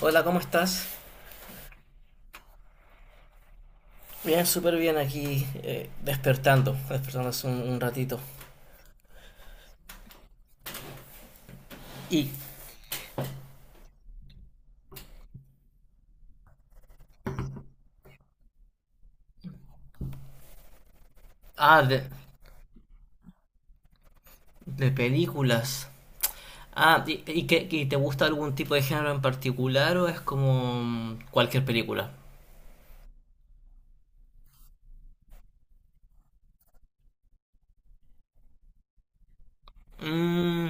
Hola, ¿cómo estás? Bien, súper bien aquí, despertando, despertando hace un ratito. Y, ah, de, de películas. Y te gusta algún tipo de género en particular o es como cualquier película? Mm.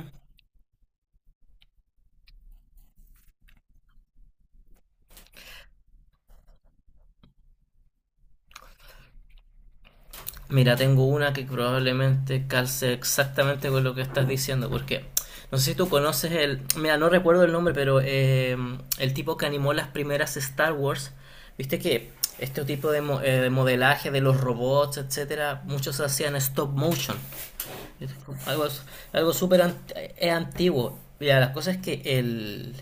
Mira, tengo una que probablemente calce exactamente con lo que estás diciendo, porque no sé si tú conoces el, mira, no recuerdo el nombre, pero el tipo que animó las primeras Star Wars, viste que este tipo de modelaje de los robots, etcétera, muchos hacían stop motion. Es como algo, algo súper antiguo. Mira, la cosa es que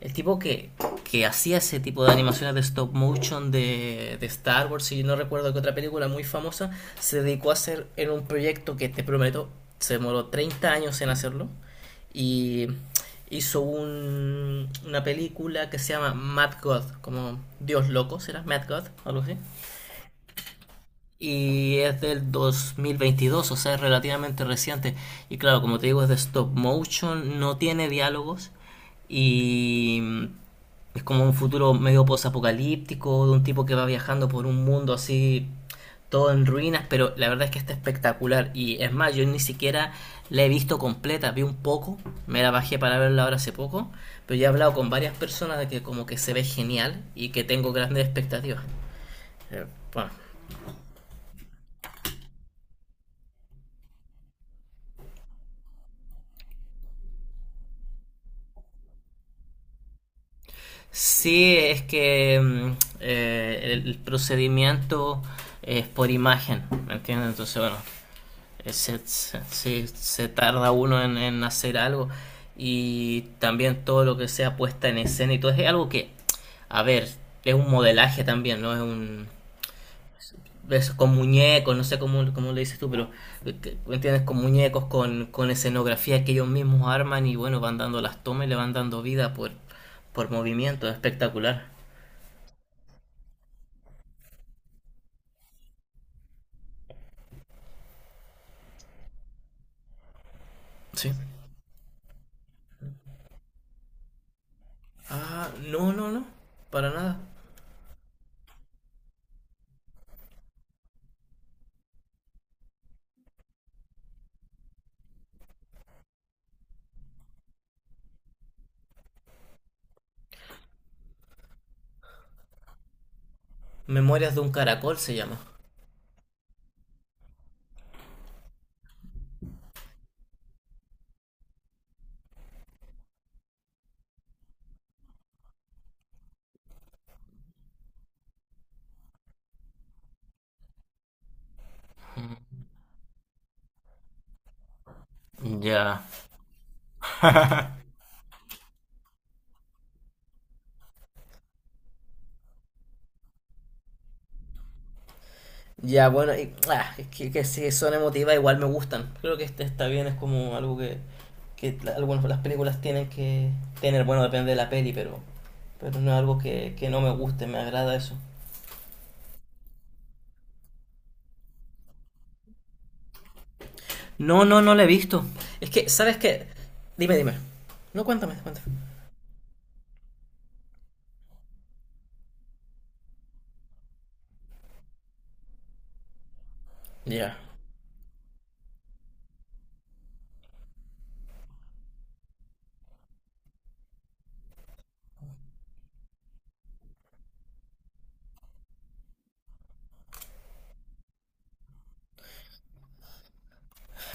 el tipo que hacía ese tipo de animaciones de stop motion de Star Wars, y no recuerdo que otra película muy famosa, se dedicó a hacer en un proyecto que te prometo, se demoró 30 años en hacerlo. Y hizo una película que se llama Mad God, como Dios Loco, ¿será? Mad God, algo así, y es del 2022, o sea, es relativamente reciente. Y claro, como te digo, es de stop motion, no tiene diálogos y es como un futuro medio posapocalíptico de un tipo que va viajando por un mundo así todo en ruinas, pero la verdad es que está espectacular y es más, yo ni siquiera la he visto completa, vi un poco, me la bajé para verla ahora hace poco, pero ya he hablado con varias personas de que como que se ve genial y que tengo grandes expectativas. Eh, Bueno, Sí, es que el procedimiento es por imagen, ¿me entiendes? Entonces, bueno, sí, se tarda uno en hacer algo y también todo lo que sea puesta en escena y todo es algo que, a ver, es un modelaje también, ¿no? Es un... Es con muñecos, no sé cómo, cómo le dices tú, pero ¿me entiendes? Con muñecos, con escenografía que ellos mismos arman y bueno, van dando las tomas y le van dando vida por movimiento, es espectacular. Sí. Ah, no, no, no. Para nada. Memorias de un caracol se llama. Ya. Ya, bueno, es que sí, son emotivas, igual me gustan. Creo que este está bien, es como algo que, algunas las películas tienen que tener. Bueno, depende de la peli, pero no es algo que no me guste, me agrada eso. No, no, no la he visto. Es que, ¿sabes qué? Dime, dime. No, cuéntame, cuéntame. Ya.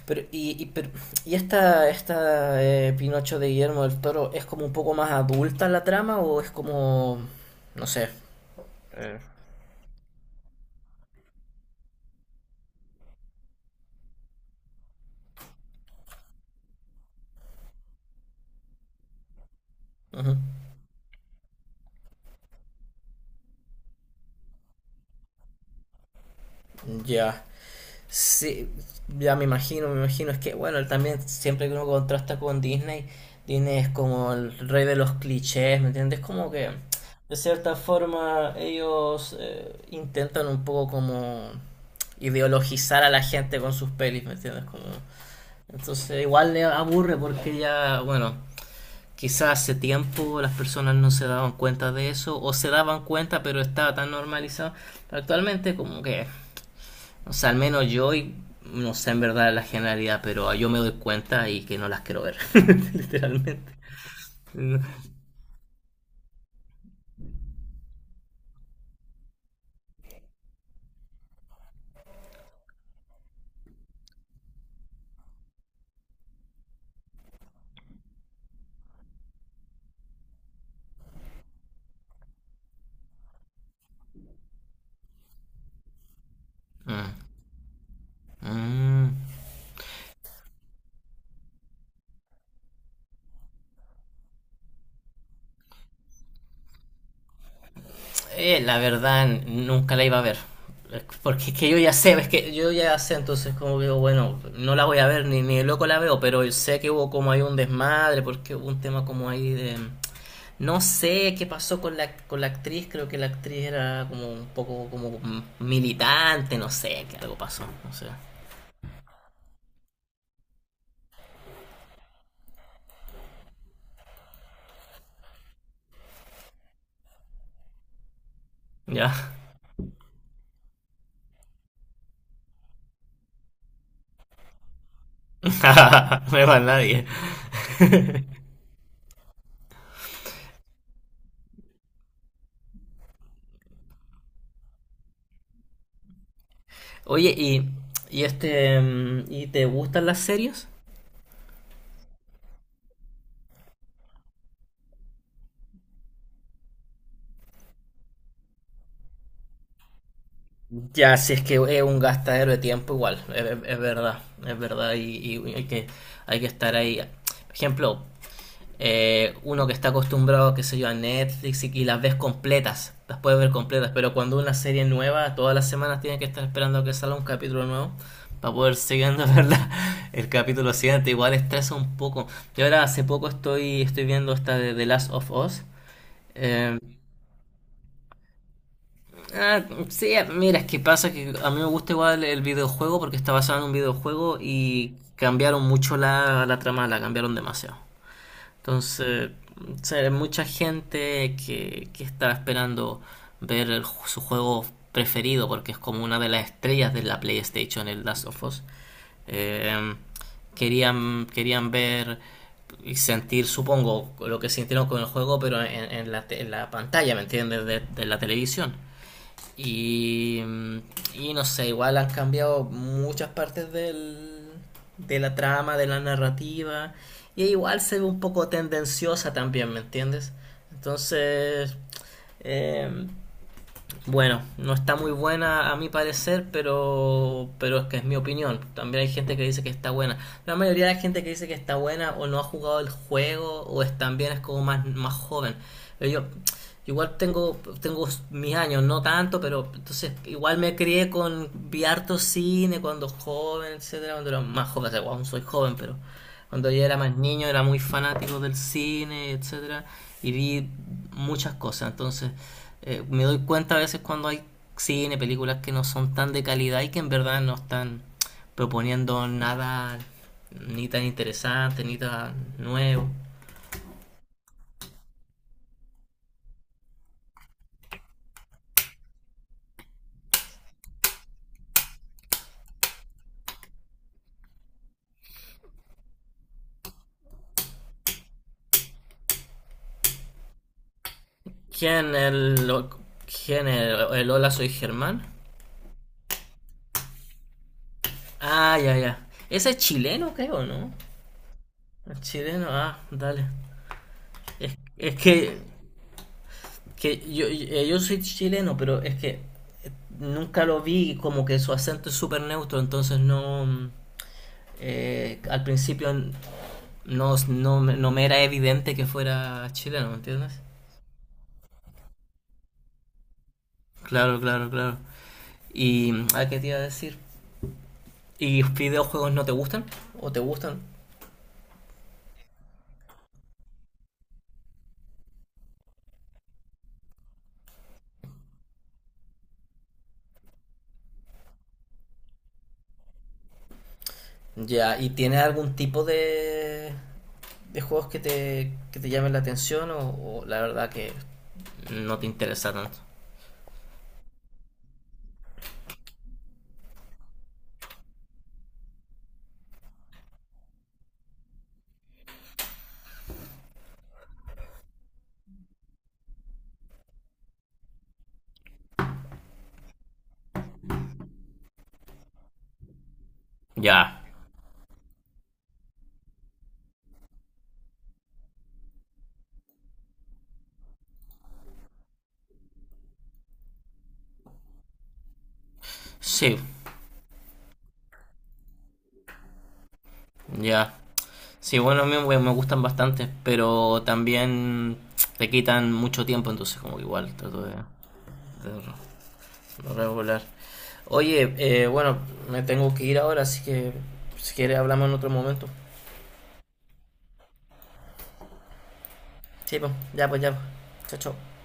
Pero, y, y, pero- esta Pinocho de Guillermo del Toro es como un poco más adulta la trama o es como, no sé. Eh, ujú. Ya, sí, ya me imagino, me imagino. Es que, bueno, también siempre que uno contrasta con Disney, Disney es como el rey de los clichés, ¿me entiendes? Como que, de cierta forma, ellos intentan un poco como ideologizar a la gente con sus pelis, ¿me entiendes? Como... Entonces igual le aburre porque ya, bueno, quizás hace tiempo las personas no se daban cuenta de eso o se daban cuenta pero estaba tan normalizado. Pero actualmente como que, o sea, al menos yo y no sé en verdad la generalidad, pero yo me doy cuenta y que no las quiero ver, literalmente. Mm, mm. La verdad, nunca la iba a ver. Porque es que yo ya sé, es que yo ya sé, entonces como que digo, bueno, no la voy a ver, ni, ni de loco la veo, pero sé que hubo como ahí un desmadre, porque hubo un tema como ahí de... No sé qué pasó con la actriz, creo que la actriz era como un poco como militante, no sé, que algo pasó, no sé. Ya, no es para nadie. Oye, ¿y te gustan las series? Ya, si es que es un gastadero de tiempo igual, es verdad y hay que estar ahí. Por ejemplo, uno que está acostumbrado, qué sé yo, a Netflix y las ves completas, las puedes ver completas, pero cuando una serie nueva, todas las semanas tienes que estar esperando a que salga un capítulo nuevo para poder seguir viendo ¿verdad? El capítulo siguiente, igual estresa un poco. Yo ahora hace poco estoy, estoy viendo esta de The Last of Us. eh, Ah, sí, mira, es que pasa que a mí me gusta igual el videojuego porque está basado en un videojuego y cambiaron mucho la trama, la cambiaron demasiado. Entonces, o sea, hay mucha gente que está esperando ver su juego preferido porque es como una de las estrellas de la PlayStation, el Last of Us. Eh, querían, querían ver y sentir, supongo, lo que sintieron con el juego, pero en la pantalla, ¿me entiendes? De la televisión. Y, y no sé, igual han cambiado muchas partes de la trama, de la narrativa. Y igual se ve un poco tendenciosa también, ¿me entiendes? Entonces, eh, bueno, no está muy buena a mi parecer, pero es que es mi opinión. También hay gente que dice que está buena. La mayoría de la gente que dice que está buena o no ha jugado el juego o es también es como más, más joven. Pero yo igual tengo, tengo mis años, no tanto, pero entonces igual me crié con vi harto cine cuando joven, etcétera, cuando era más joven, o sea, aún soy joven, pero cuando yo era más niño era muy fanático del cine, etcétera, y vi muchas cosas. Entonces, me doy cuenta a veces cuando hay cine, películas que no son tan de calidad y que en verdad no están proponiendo nada ni tan interesante, ni tan nuevo. ¿Quién es el, quién el Hola Soy Germán? Ah, ya, ya. Ese es chileno, creo, ¿no? El chileno, ah, dale. Es, es que, que yo, yo soy chileno, pero es que eh, nunca lo vi como que su acento es súper neutro, entonces no... al principio no, no, no me era evidente que fuera chileno, ¿me entiendes? Claro, claro, claro. Y, ¿a qué te iba a decir? ¿Y videojuegos no te gustan? ¿O te gustan? Ya, ¿y tienes algún tipo de juegos que te llamen la atención o la verdad que no te interesa tanto? Ya, sí, ya. Sí, bueno, a mí me gustan bastante, pero también te quitan mucho tiempo, entonces como que igual trato de regular. Oye, bueno, me tengo que ir ahora, así que si quieres hablamos en otro momento. Sí, pues, ya, pues, ya, pues. Chao, chao.